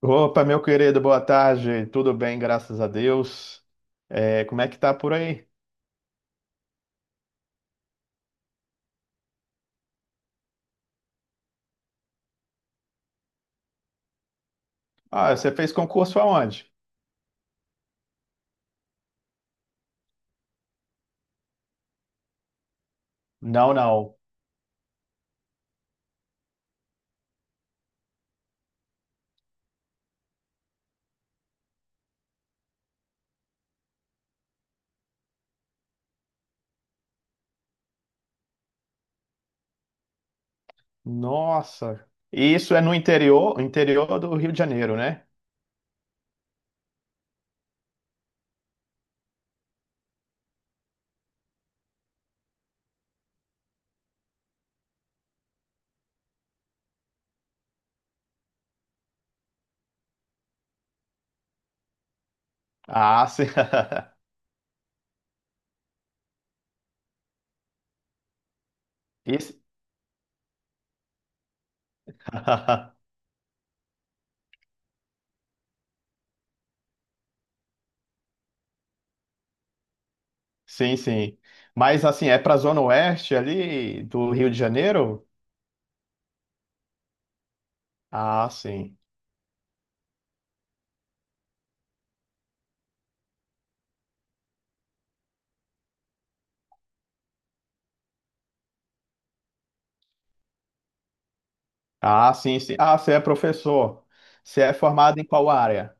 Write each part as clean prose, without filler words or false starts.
Opa, meu querido, boa tarde. Tudo bem, graças a Deus. É, como é que tá por aí? Ah, você fez concurso aonde? Não, não. Nossa. E isso é no interior, interior do Rio de Janeiro, né? Ah, sim. Isso- Sim, sim. Mas assim, é pra Zona Oeste ali do Rio de Janeiro? Ah, sim. Ah, sim, sim. Ah, você é professor. Você é formado em qual área?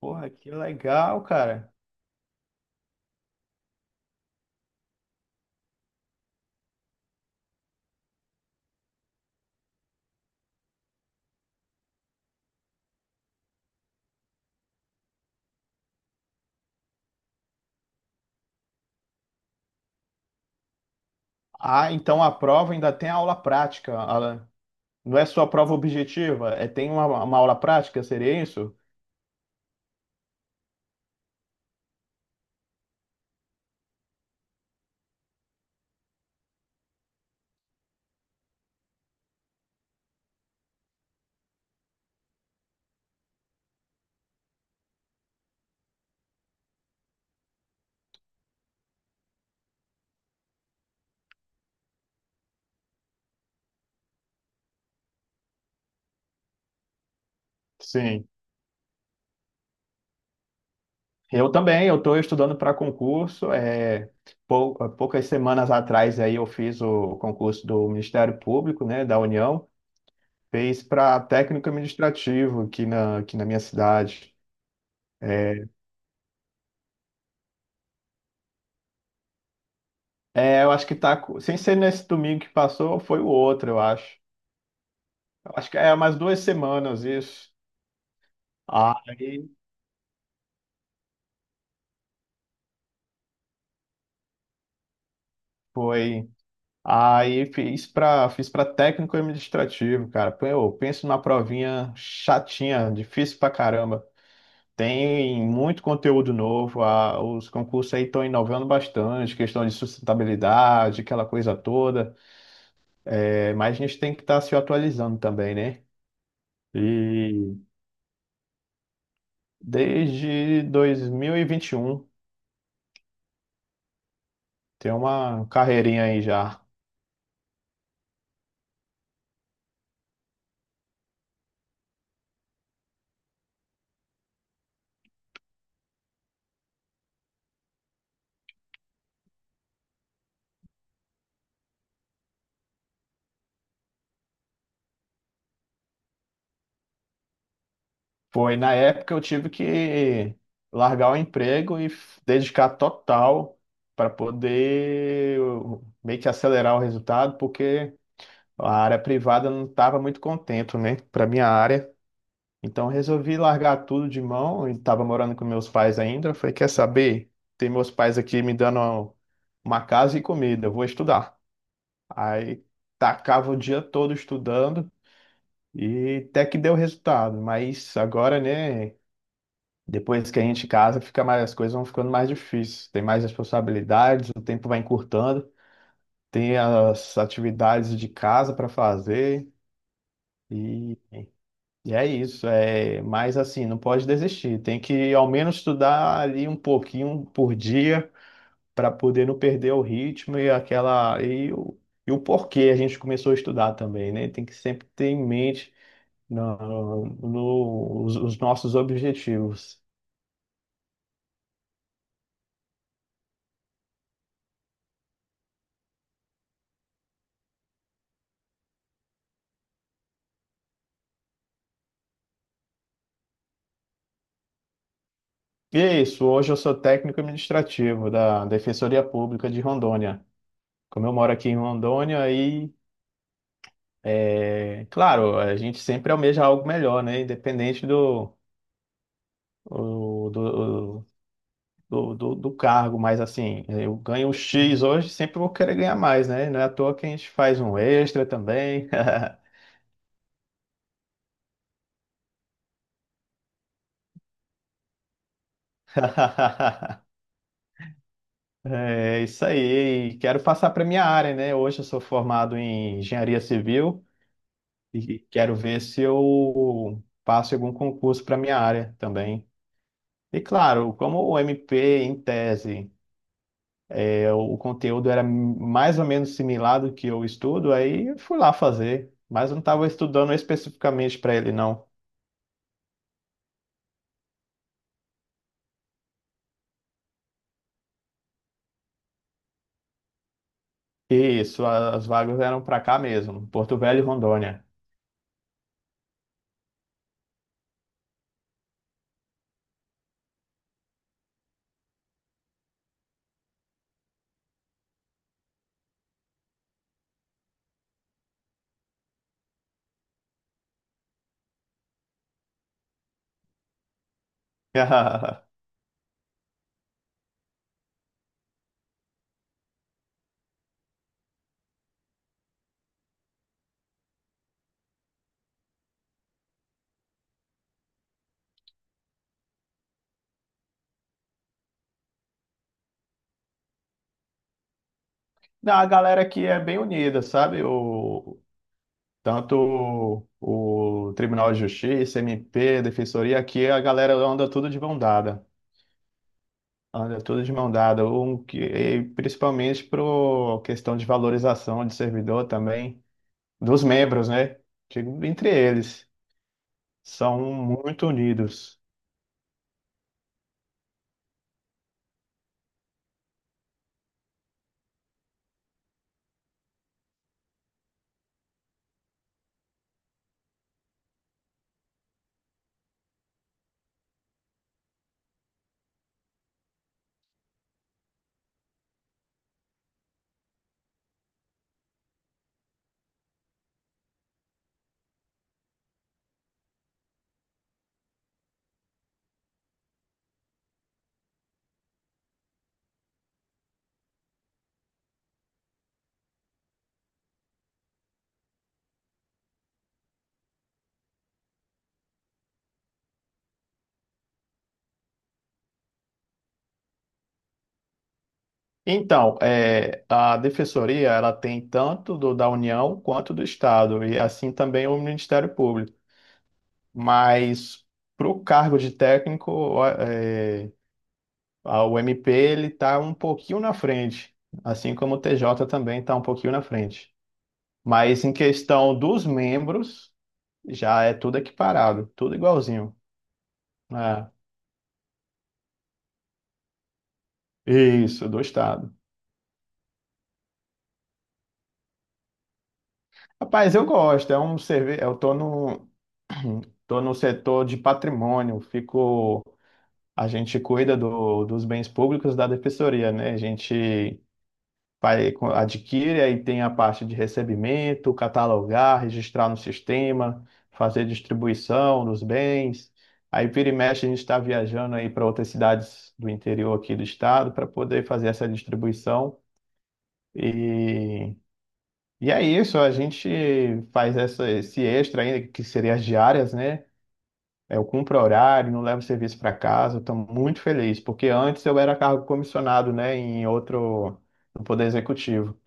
Porra, que legal, cara. Ah, então a prova ainda tem aula prática. Não é só prova objetiva, é tem uma aula prática, seria isso? Sim. Eu também, eu estou estudando para concurso. É, poucas semanas atrás aí eu fiz o concurso do Ministério Público, né, da União, fez para técnico administrativo aqui na minha cidade. É, é, eu acho que tá, sem ser nesse domingo que passou, foi o outro, eu acho. Eu acho que é umas duas semanas isso. Aí foi. Aí fiz para técnico administrativo, cara. Pô, eu penso numa provinha chatinha, difícil pra caramba. Tem muito conteúdo novo, os concursos aí estão inovando bastante, questão de sustentabilidade, aquela coisa toda. É, mas a gente tem que estar se atualizando também, né? E desde dois mil e vinte e um, tem uma carreirinha aí já. Foi, na época eu tive que largar o emprego e dedicar total para poder eu, meio que acelerar o resultado, porque a área privada não estava muito contente, né, para minha área. Então eu resolvi largar tudo de mão e estava morando com meus pais ainda. Eu falei, quer saber? Tem meus pais aqui me dando uma casa e comida, eu vou estudar. Aí tacava o dia todo estudando e até que deu resultado, mas agora, né? Depois que a gente casa, fica mais, as coisas vão ficando mais difíceis. Tem mais responsabilidades, o tempo vai encurtando, tem as atividades de casa para fazer e, e é isso. É, mas assim, não pode desistir. Tem que ao menos estudar ali um pouquinho por dia para poder não perder o ritmo e aquela e o porquê a gente começou a estudar também, né? Tem que sempre ter em mente os nossos objetivos. E é isso, hoje eu sou técnico administrativo da Defensoria Pública de Rondônia. Como eu moro aqui em Rondônia, aí, é, claro, a gente sempre almeja algo melhor, né? Independente do, o- do, do, do, do cargo, mas assim, eu ganho um X hoje, sempre vou querer ganhar mais, né? Não é à toa que a gente faz um extra também. É isso aí, e quero passar para minha área, né? Hoje eu sou formado em engenharia civil. E quero ver se eu passo em algum concurso para minha área também. E claro, como o MP em tese, é, o conteúdo era mais ou menos similar do que eu estudo, aí eu fui lá fazer, mas eu não estava estudando especificamente para ele, não. Isso, as vagas eram para cá mesmo, Porto Velho e Rondônia. Não, a galera aqui é bem unida, sabe? Tanto o Tribunal de Justiça, MP, Defensoria, aqui a galera anda tudo de mão dada. Anda tudo de mão dada, e principalmente por questão de valorização de servidor também, dos membros, né? Digo, entre eles, são muito unidos. Então, é, a defensoria, ela tem tanto da União quanto do Estado, e assim também o Ministério Público. Mas, para o cargo de técnico, ó, é, o MP, ele está um pouquinho na frente, assim como o TJ também está um pouquinho na frente. Mas em questão dos membros, já é tudo equiparado, tudo igualzinho. É. Isso, do Estado. Rapaz, eu gosto, é um serviço. Eu tô no, tô no setor de patrimônio, fico. A gente cuida do, dos bens públicos da defensoria, né? A gente vai, adquire, aí tem a parte de recebimento, catalogar, registrar no sistema, fazer distribuição dos bens. Aí vira e mexe, a gente está viajando aí para outras cidades do interior aqui do estado para poder fazer essa distribuição. E, e é isso, a gente faz essa, esse extra ainda, que seria as diárias, né? É, eu cumpro horário, não levo serviço para casa, estou muito feliz, porque antes eu era cargo comissionado, né, em outro, no Poder Executivo.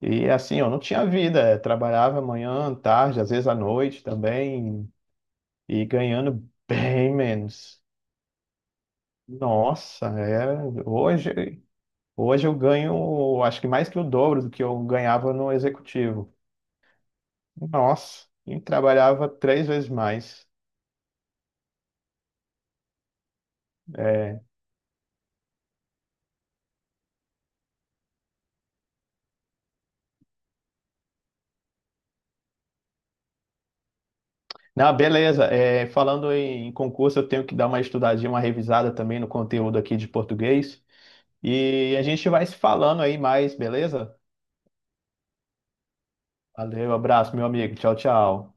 E assim, eu não tinha vida, trabalhava manhã, tarde, às vezes à noite também, e ganhando bem menos. Nossa, é, hoje, hoje eu ganho, acho que mais que o dobro do que eu ganhava no executivo. Nossa, e trabalhava três vezes mais. É. Não, beleza, é, falando em concurso, eu tenho que dar uma estudadinha, uma revisada também no conteúdo aqui de português. E a gente vai se falando aí mais, beleza? Valeu, abraço, meu amigo. Tchau, tchau.